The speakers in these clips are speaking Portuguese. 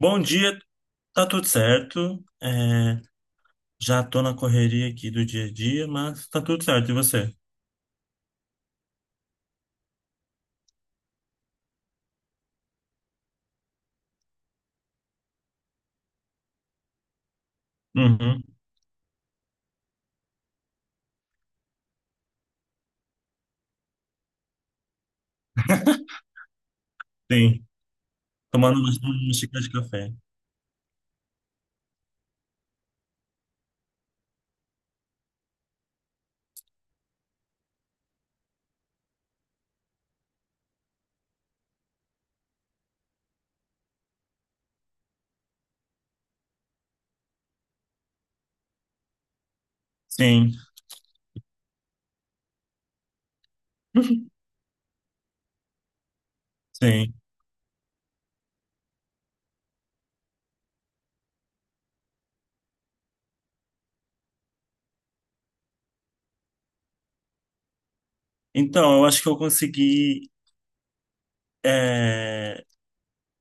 Bom dia, tá tudo certo. Já tô na correria aqui do dia a dia, mas tá tudo certo. E você? Uhum, sim. Tomando uma xícara de café. Sim, sim. Eu acho que eu consegui é,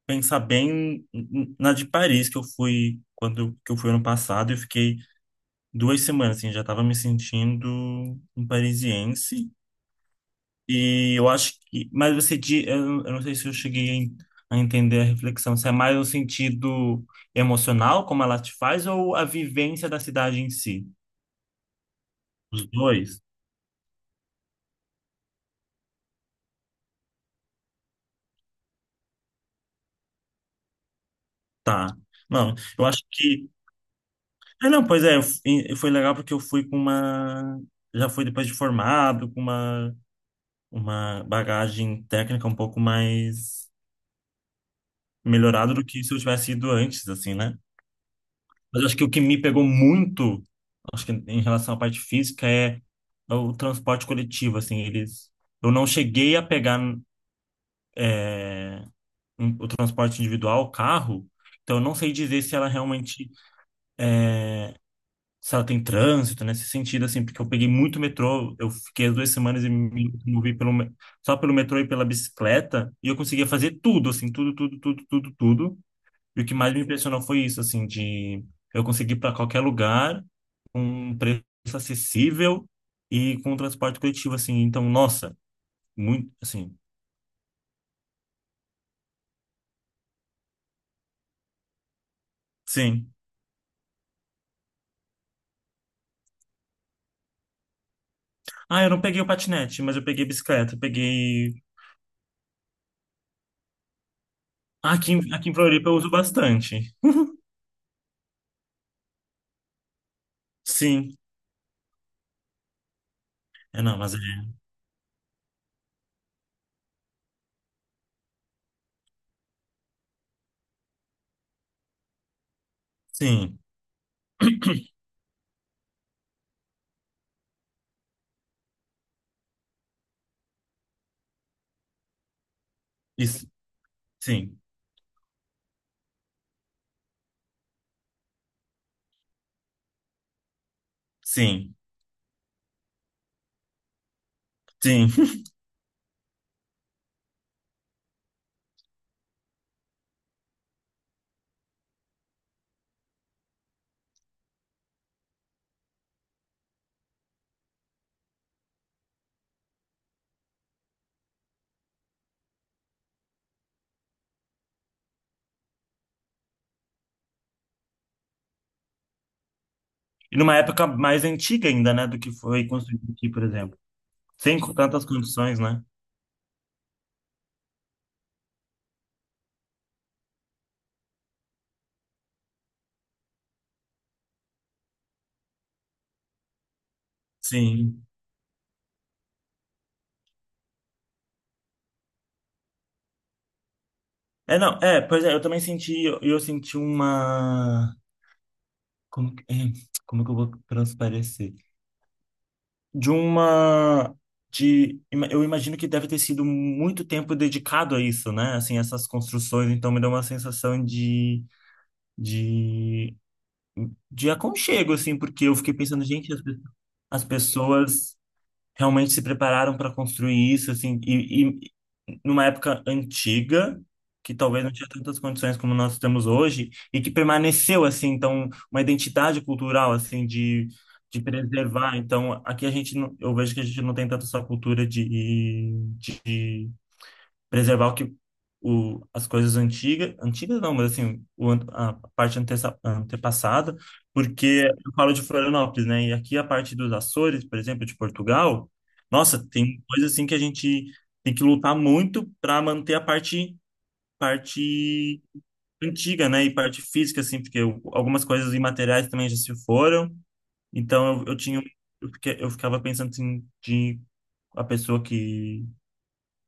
pensar bem na de Paris que eu fui quando que eu fui ano passado. Eu fiquei duas semanas, assim, já tava me sentindo um parisiense. E eu acho que. Mas você. Di- eu não sei se eu cheguei a entender a reflexão. Se é mais o sentido emocional, como ela te faz, ou a vivência da cidade em si? Os dois? Tá. Não, eu acho que. Ah, não, pois é. Eu f- e- Foi legal porque eu fui com uma. Já fui depois de formado, com uma bagagem técnica um pouco mais melhorada do que se eu tivesse ido antes, assim, né? Mas eu acho que o que me pegou muito, acho que em relação à parte física, é o transporte coletivo, assim, eles... Eu não cheguei a pegar o transporte individual, o carro, então eu não sei dizer se ela realmente, se ela tem trânsito, né, nesse sentido, assim, porque eu peguei muito metrô, eu fiquei as duas semanas e me movi só pelo metrô e pela bicicleta, e eu conseguia fazer tudo, assim, tudo, tudo, tudo, tudo, tudo. E o que mais me impressionou foi isso, assim, de eu conseguir ir para qualquer lugar com um preço acessível e com um transporte coletivo, assim. Então, nossa, muito, assim, sim. Ah, eu não peguei o patinete, mas eu peguei bicicleta, eu peguei... Ah, aqui em Floripa eu uso bastante. Sim. É, não, mas é... Sim. Isso. Sim. Sim. Sim. E numa época mais antiga ainda, né, do que foi construído aqui, por exemplo. Sem tantas condições, né? Sim. É, não, é, pois é, eu também senti, eu senti uma. Como, que- é, como que eu vou transparecer? De uma. De, ima- eu imagino que deve ter sido muito tempo dedicado a isso, né? Assim, essas construções, então me deu uma sensação de, de aconchego, assim, porque eu fiquei pensando, gente, as pessoas realmente se prepararam para construir isso, assim, e numa época antiga, que talvez não tinha tantas condições como nós temos hoje, e que permaneceu, assim, então, uma identidade cultural, assim, de preservar. Então, aqui a gente, não, eu vejo que a gente não tem tanto essa cultura de preservar as coisas antigas, antigas não, mas assim, a parte antepassada, porque eu falo de Florianópolis, né? E aqui a parte dos Açores, por exemplo, de Portugal, nossa, tem coisa assim que a gente tem que lutar muito para manter a parte parte antiga, né? E parte física, assim, algumas coisas imateriais também já se foram. Eu tinha, um, eu, fiquei- eu ficava pensando assim, de a pessoa que,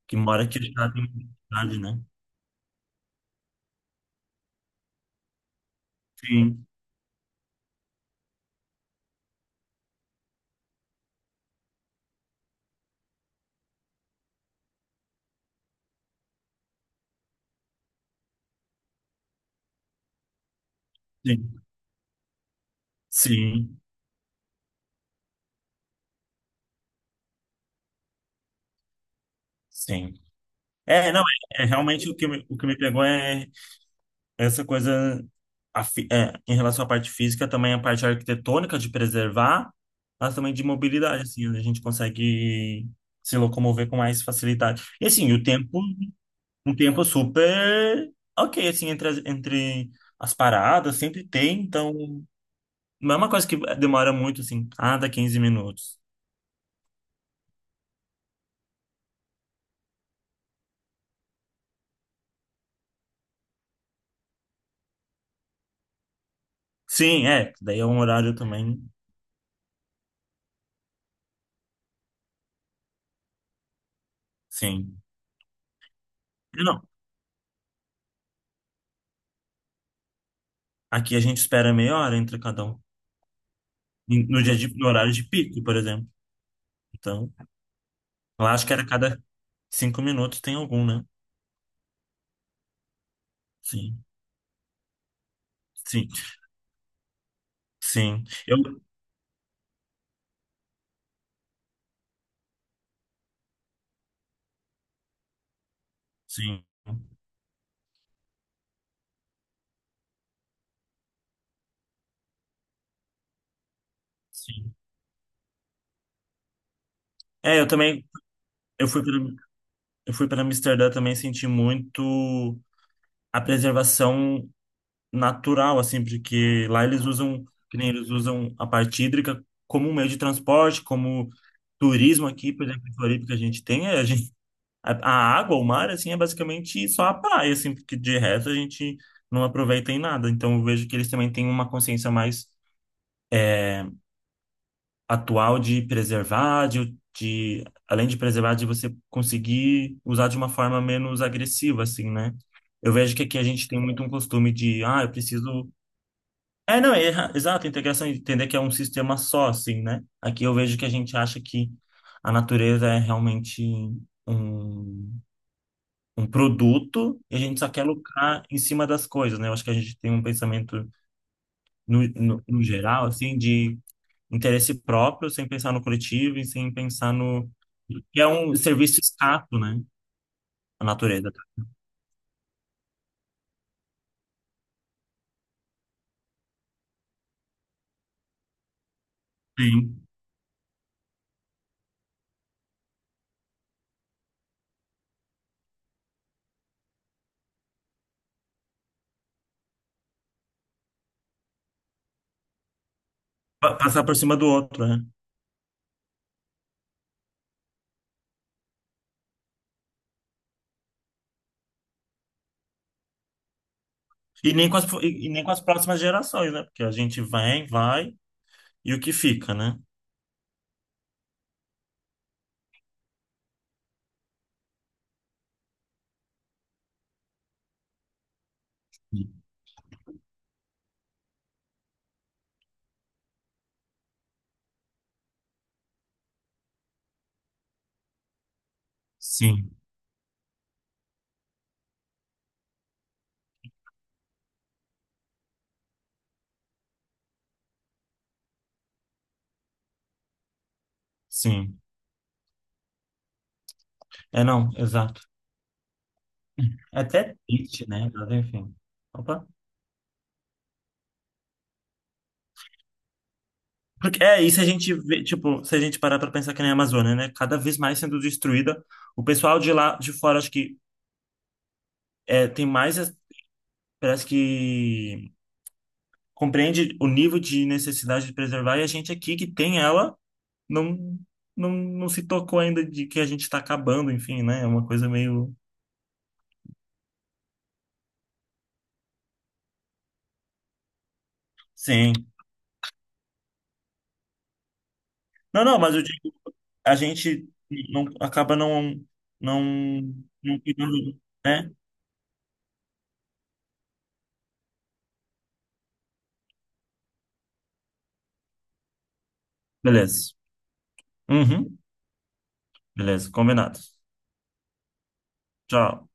que mora aqui já tem uma idade, né? Sim. Sim, sim, sim. É, não, é, é realmente o que me pegou é essa coisa em relação à parte física, também a parte arquitetônica de preservar, mas também de mobilidade, assim, onde a gente consegue se locomover com mais facilidade. E assim, um tempo super ok, assim, entre as paradas, sempre tem, então não é uma coisa que demora muito, assim, ah, dá 15 minutos. Sim, é, daí é um horário também, sim. Aqui a gente espera meia hora entre cada um. No dia de, no horário de pico, por exemplo. Então, lá acho que era cada cinco minutos tem algum, né? Sim, sim, sim. Eu, sim, sim. É, eu também, eu fui para, eu fui para Amsterdã também senti muito a preservação natural, assim, porque lá eles usam, que nem eles usam a parte hídrica como um meio de transporte, como turismo aqui, por exemplo, em Floripa que a gente tem, é, a água, o mar, assim, é basicamente só a praia, assim, porque de resto a gente não aproveita em nada. Então eu vejo que eles também têm uma consciência mais atual de preservar, de além de preservar, de você conseguir usar de uma forma menos agressiva, assim, né? Eu vejo que aqui a gente tem muito um costume de, ah, eu preciso. É, não, é, erra- exato, integração, entender que é um sistema só, assim, né? Aqui eu vejo que a gente acha que a natureza é realmente um. um produto e a gente só quer lucrar em cima das coisas, né? Eu acho que a gente tem um pensamento no geral, assim, de interesse próprio, sem pensar no coletivo e sem pensar no... que é um serviço escasso, né? A natureza tá bem. Passar por cima do outro, né? E nem com as, fu- e nem com as próximas gerações, né? Porque a gente vem, vai e o que fica, né? Sim, sim. É, não, exato. É até triste, né? Mas enfim. Opa. Porque, é, e se a gente vê, tipo, se a gente parar para pensar que nem a Amazônia, né? Cada vez mais sendo destruída. O pessoal de lá de fora, acho que tem mais, parece que compreende o nível de necessidade de preservar, e a gente aqui que tem ela não, não, não se tocou ainda de que a gente está acabando, enfim, né? É uma coisa meio. Sim. Não, não, mas eu digo, a gente não, acaba não, não, não cuidando, né? Beleza. Uhum. Beleza, combinado. Tchau.